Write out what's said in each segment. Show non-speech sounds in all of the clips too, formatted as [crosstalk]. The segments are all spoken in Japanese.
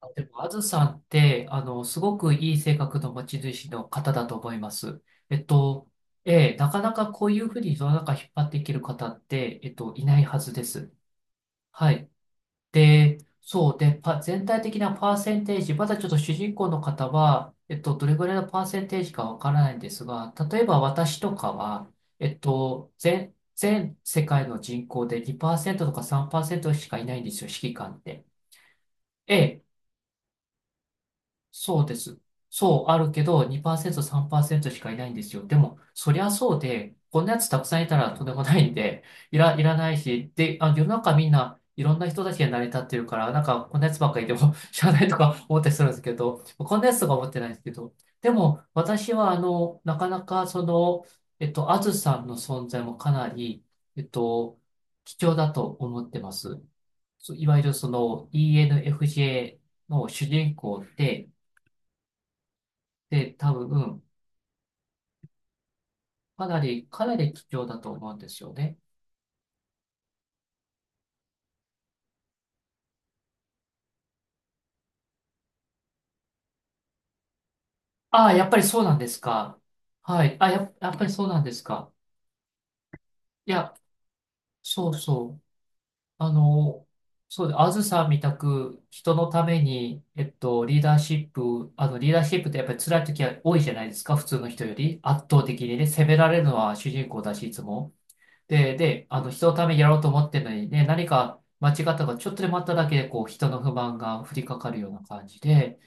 あでも、あずさんって、すごくいい性格の持ち主の方だと思います。えっと、なかなかこういうふうに世の中引っ張っていける方って、いないはずです。はい。で、そう。で、全体的なパーセンテージ、まだちょっと主人公の方は、どれぐらいのパーセンテージかわからないんですが、例えば私とかは、全世界の人口で2%とか3%しかいないんですよ、指揮官って。ええ、そうです。そう、あるけど、2%、3%しかいないんですよ。でも、そりゃそうで、こんなやつたくさんいたらとんでもないんで、[laughs] いらないし、で、世の中みんないろんな人たちが成り立ってるから、なんかこんなやつばっかりでも [laughs] 知らないとか思ったりするんですけど、こんなやつとか思ってないんですけど、でも、私は、なかなか、あずさんの存在もかなり、えっと、貴重だと思ってます。そういわゆるその ENFJ の主人公って、で、多分、かなり貴重だと思うんですよね。ああ、やっぱりそうなんですか。はい。やっぱりそうなんですか。いや、そうそう。あの、そうで、あずさんみたく人のために、リーダーシップってやっぱり辛い時は多いじゃないですか、普通の人より。圧倒的にね、責められるのは主人公だし、いつも。で、人のためにやろうと思ってるのにね、何か間違ったか、ちょっとでもあっただけで、こう、人の不満が降りかかるような感じで、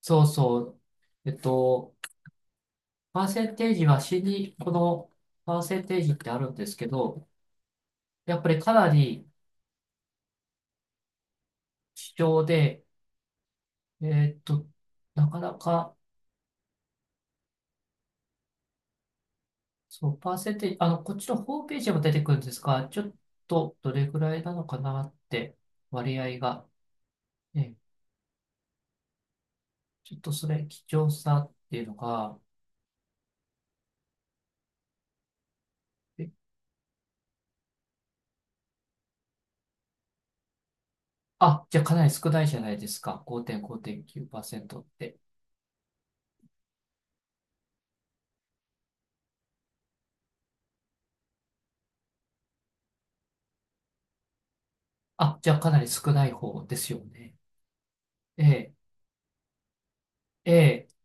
そうそう。えっと、パーセンテージは死に、このパーセンテージってあるんですけど、やっぱりかなり貴重で、えっと、なかなか、そう、パーセンテージ、こっちのホームページにも出てくるんですが、ちょっとどれぐらいなのかなって、割合が。ね、ちょっとそれ、貴重さっていうのが、えじゃあかなり少ないじゃないですか。5.5.9%って。あ、じゃあかなり少ない方ですよね。ええ、え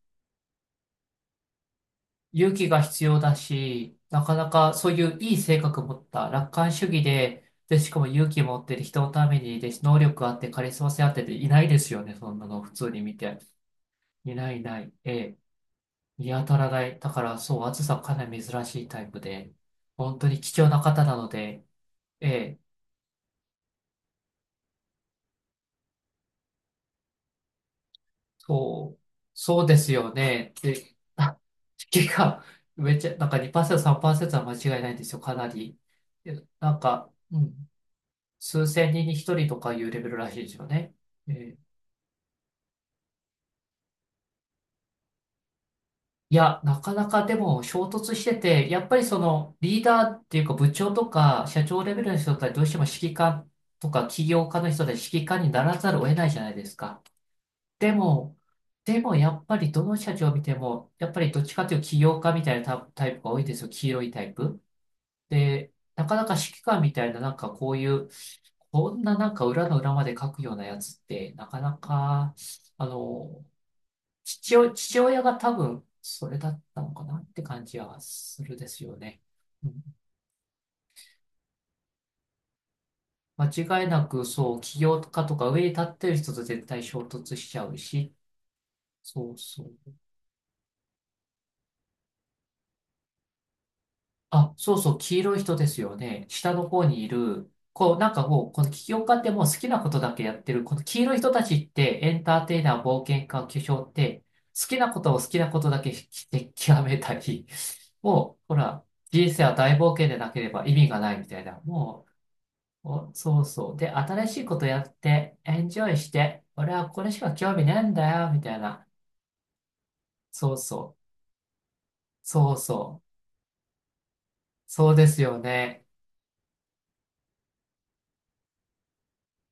勇気が必要だし、なかなかそういういい性格持った楽観主義で、で、しかも勇気持ってる人のために、で、能力あって、カリスマ性あってていないですよね、そんなの普通に見て。いないいない。ええ、見当たらない。だから、そう、暑さかなり珍しいタイプで、本当に貴重な方なので、ええ、そう、そうですよね。で、[laughs] 結がめっちゃ、なんか2%、3%は間違いないんですよ、かなり。で、なんか、うん。数千人に一人とかいうレベルらしいですよね。えーいや、なかなかでも衝突してて、やっぱりそのリーダーっていうか部長とか社長レベルの人たちどうしても指揮官とか起業家の人たち指揮官にならざるを得ないじゃないですか。でも、でも、やっぱりどの社長を見ても、やっぱりどっちかというと起業家みたいなタタイプが多いですよ。黄色いタイプ。で、なかなか指揮官みたいななんかこういう、こんななんか裏の裏まで書くようなやつって、なかなか、あの、父親が多分それだったのかなって感じはするですよね。うん、間違いなくそう、起業家とか上に立ってる人と絶対衝突しちゃうし、そうそう。あ、そうそう、黄色い人ですよね。下の方にいる、こう、なんかもう、この起業家ってもう好きなことだけやってる、この黄色い人たちってエンターテイナー、冒険家、巨匠って、好きなことを好きなことだけして極めたり、もう、ほら、人生は大冒険でなければ意味がないみたいな、もう、お、そうそう。で、新しいことやって、エンジョイして、俺はこれしか興味ねえんだよ、みたいな。そうそう。そうそう。そうですよね。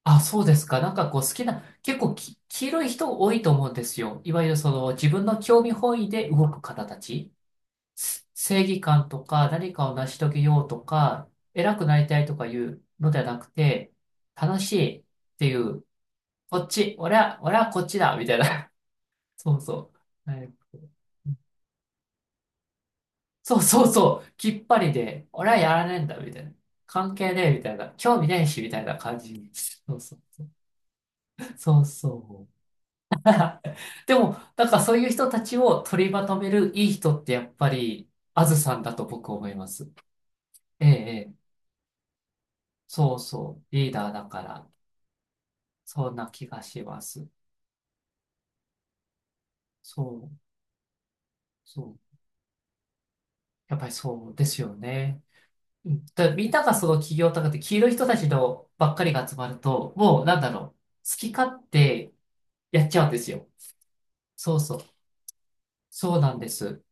あ、そうですか。なんかこう好きな、結構き、黄色い人多いと思うんですよ。いわゆるその自分の興味本位で動く方たち。正義感とか何かを成し遂げようとか、偉くなりたいとかいうのではなくて、楽しいっていう、こっち、俺はこっちだ、みたいな。[laughs] そうそう。はい、そうそうそう、きっぱりで、俺はやらねえんだ、みたいな。関係ねえ、みたいな。興味ねえし、みたいな感じに。そうそう。そうそう。でも、なんかそういう人たちを取りまとめるいい人ってやっぱり、あずさんだと僕思います。ええ、ええ。そうそう。リーダーだから、そんな気がします。そう、そう。やっぱりそうですよね。うんだ、みんながその企業とかって黄色い人たちのばっかりが集まると、もうなんだろう。好き勝手やっちゃうんですよ。そうそう、そうなんです。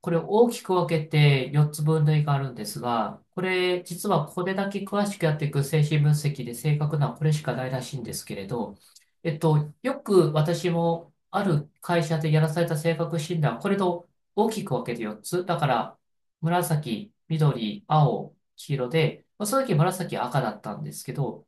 これ大きく分けて4つ分類があるんですが、これ実はこれだけ詳しくやっていく精神分析で正確なのはこれしかないらしいんですけれど、よく私もある会社でやらされた性格診断、これと大きく分けて4つ。だから、紫、緑、青、黄色で、まあ、その時紫赤だったんですけど、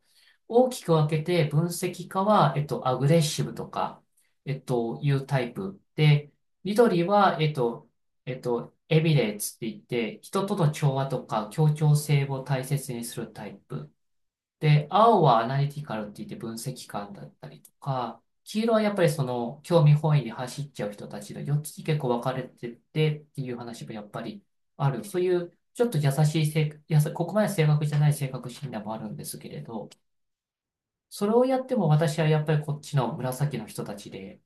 大きく分けて分析家は、アグレッシブとか、いうタイプで、緑は、エビレーツって言って、人との調和とか協調性を大切にするタイプ。で、青はアナリティカルって言って分析官だったりとか、黄色はやっぱりその興味本位に走っちゃう人たちの4つに結構分かれててっていう話もやっぱりある。そういうちょっと優しい性、やさ、ここまで正確じゃない性格診断もあるんですけれど、それをやっても私はやっぱりこっちの紫の人たちで、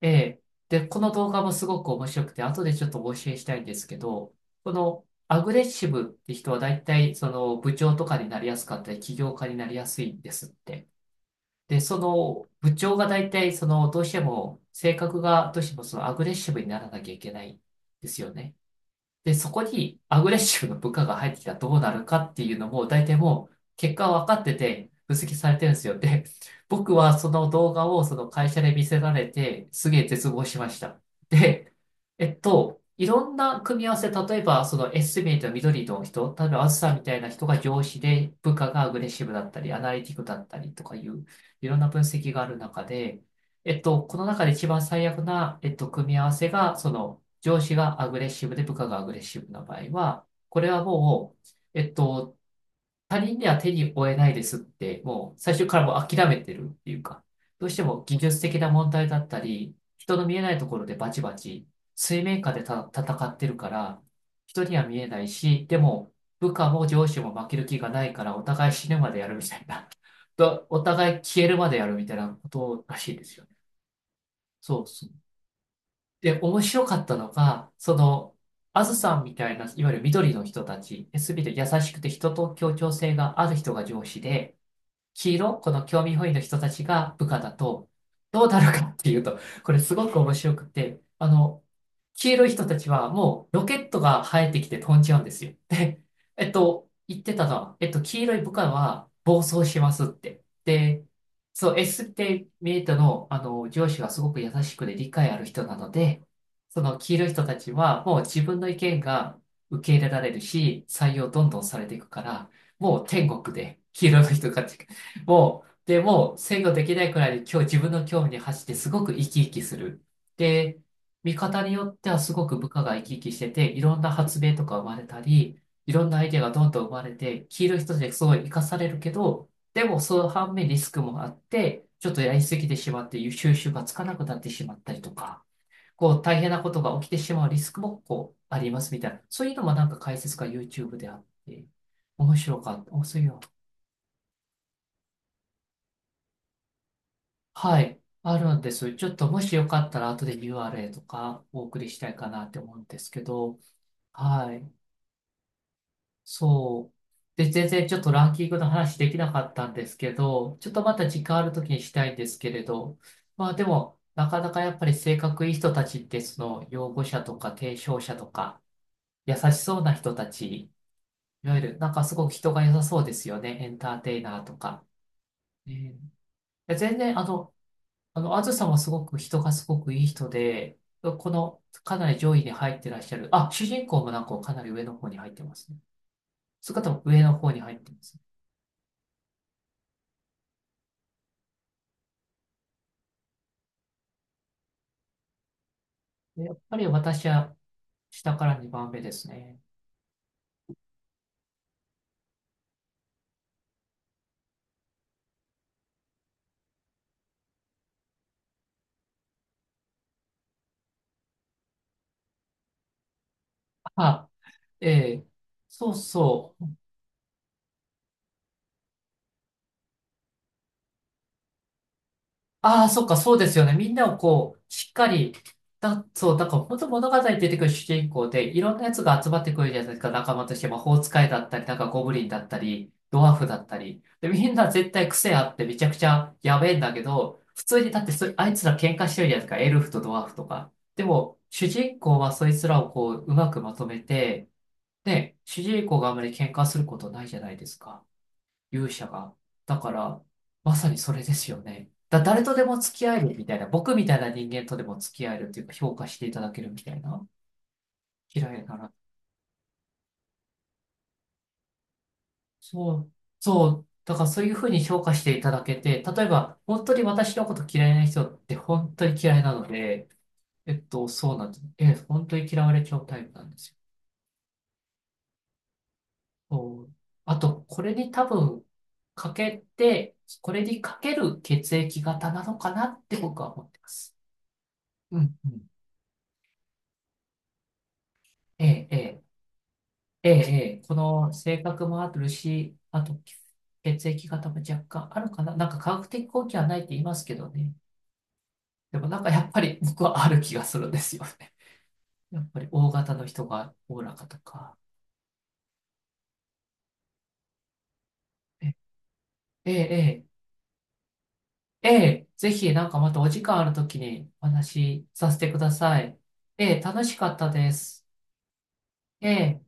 ええ。で、この動画もすごく面白くて、後でちょっとお教えしたいんですけど、このアグレッシブって人は大体その部長とかになりやすかったり、起業家になりやすいんですって。で、その部長が大体そのどうしても性格がどうしてもそのアグレッシブにならなきゃいけないんですよね。で、そこにアグレッシブな部下が入ってきたらどうなるかっていうのも、大体もう結果は分かってて、分析されてるんですよ。で、僕はその動画をその会社で見せられて、すげえ絶望しました。で、いろんな組み合わせ、例えばそのエスティメイトの緑の人、例えばあずさんみたいな人が上司で、部下がアグレッシブだったり、アナリティクだったりとかいう、いろんな分析がある中で、この中で一番最悪な、組み合わせが、その、上司がアグレッシブで部下がアグレッシブな場合は、これはもう、えっと、他人には手に負えないですって、もう最初からもう諦めてるっていうか、どうしても技術的な問題だったり、人の見えないところでバチバチ、水面下でた戦ってるから、人には見えないし、でも部下も上司も負ける気がないから、お互い死ぬまでやるみたいな、[laughs] とお互い消えるまでやるみたいなことらしいですよね。そうそう。で、面白かったのが、その、あずさんみたいな、いわゆる緑の人たち、すべて優しくて人と協調性がある人が上司で、黄色、この興味本位の人たちが部下だと、どうなるかっていうと、これすごく面白くて、あの、黄色い人たちはもうロケットが生えてきて飛んじゃうんですよ。で、言ってたのは、黄色い部下は暴走しますって。で、そう、S って見えたの、あの、上司がすごく優しくで理解ある人なので、その黄色い人たちはもう自分の意見が受け入れられるし、採用どんどんされていくから、もう天国で黄色い人たちもう、でもう制御できないくらいで今日自分の興味に走ってすごく生き生きする。で、見方によってはすごく部下が生き生きしてて、いろんな発明とか生まれたり、いろんなアイデアがどんどん生まれて、黄色一つですごい活かされるけど、でもその反面リスクもあって、ちょっとやりすぎてしまって収集がつかなくなってしまったりとか、こう大変なことが起きてしまうリスクもこうありますみたいな、そういうのもなんか解説が YouTube であって、面白かった。おそういうのはい、あるんです。ちょっともしよかったら後で URL とかお送りしたいかなって思うんですけど、はい、そう。で、全然ちょっとランキングの話できなかったんですけど、ちょっとまた時間ある時にしたいんですけれど、まあでも、なかなかやっぱり性格いい人たちってその擁護者とか提唱者とか優しそうな人たち、いわゆるなんかすごく人が良さそうですよね、エンターテイナーとか。えー全然あのあの、あずさんはすごく人がすごくいい人で、このかなり上位に入ってらっしゃる。あ、主人公もなんかかなり上の方に入ってますね。その方も上の方に入ってます。でやっぱり私は下から2番目ですね。あ、ええそうそう。ああ、そっか、そうですよね。みんなをこう、しっかり、だ、そう、だから本当物語に出てくる主人公で、いろんなやつが集まってくるじゃないですか、仲間として。魔法使いだったり、なんかゴブリンだったり、ドワーフだったり。で、みんな絶対癖あってめちゃくちゃやべえんだけど、普通にだってそ、あいつら喧嘩してるじゃないですか、エルフとドワーフとか。でも、主人公はそいつらをこう、うまくまとめて、で、主人公があまり喧嘩することないじゃないですか。勇者が。だから、まさにそれですよね。だ、誰とでも付き合えるみたいな、僕みたいな人間とでも付き合えるっていうか、評価していただけるみたいな。嫌いなら。そう、そう。だからそういうふうに評価していただけて、例えば、本当に私のこと嫌いな人って本当に嫌いなので、そうなんです。ええ、本当に嫌われちゃうタイプなんですよ。そうあと、これに多分、かけて、これにかける血液型なのかなって僕は思ってます。うんうんええ、ええ、ええ、ええこの性格もあるし、あと血液型も若干あるかな。なんか科学的根拠はないって言いますけどね。でもなんかやっぱり [laughs] 僕はある気がするんですよね。やっぱり大型の人がおおらかとか。ええ、ええ、ええ、ぜひなんかまたお時間あるときにお話しさせてください。ええ、楽しかったです。ええ。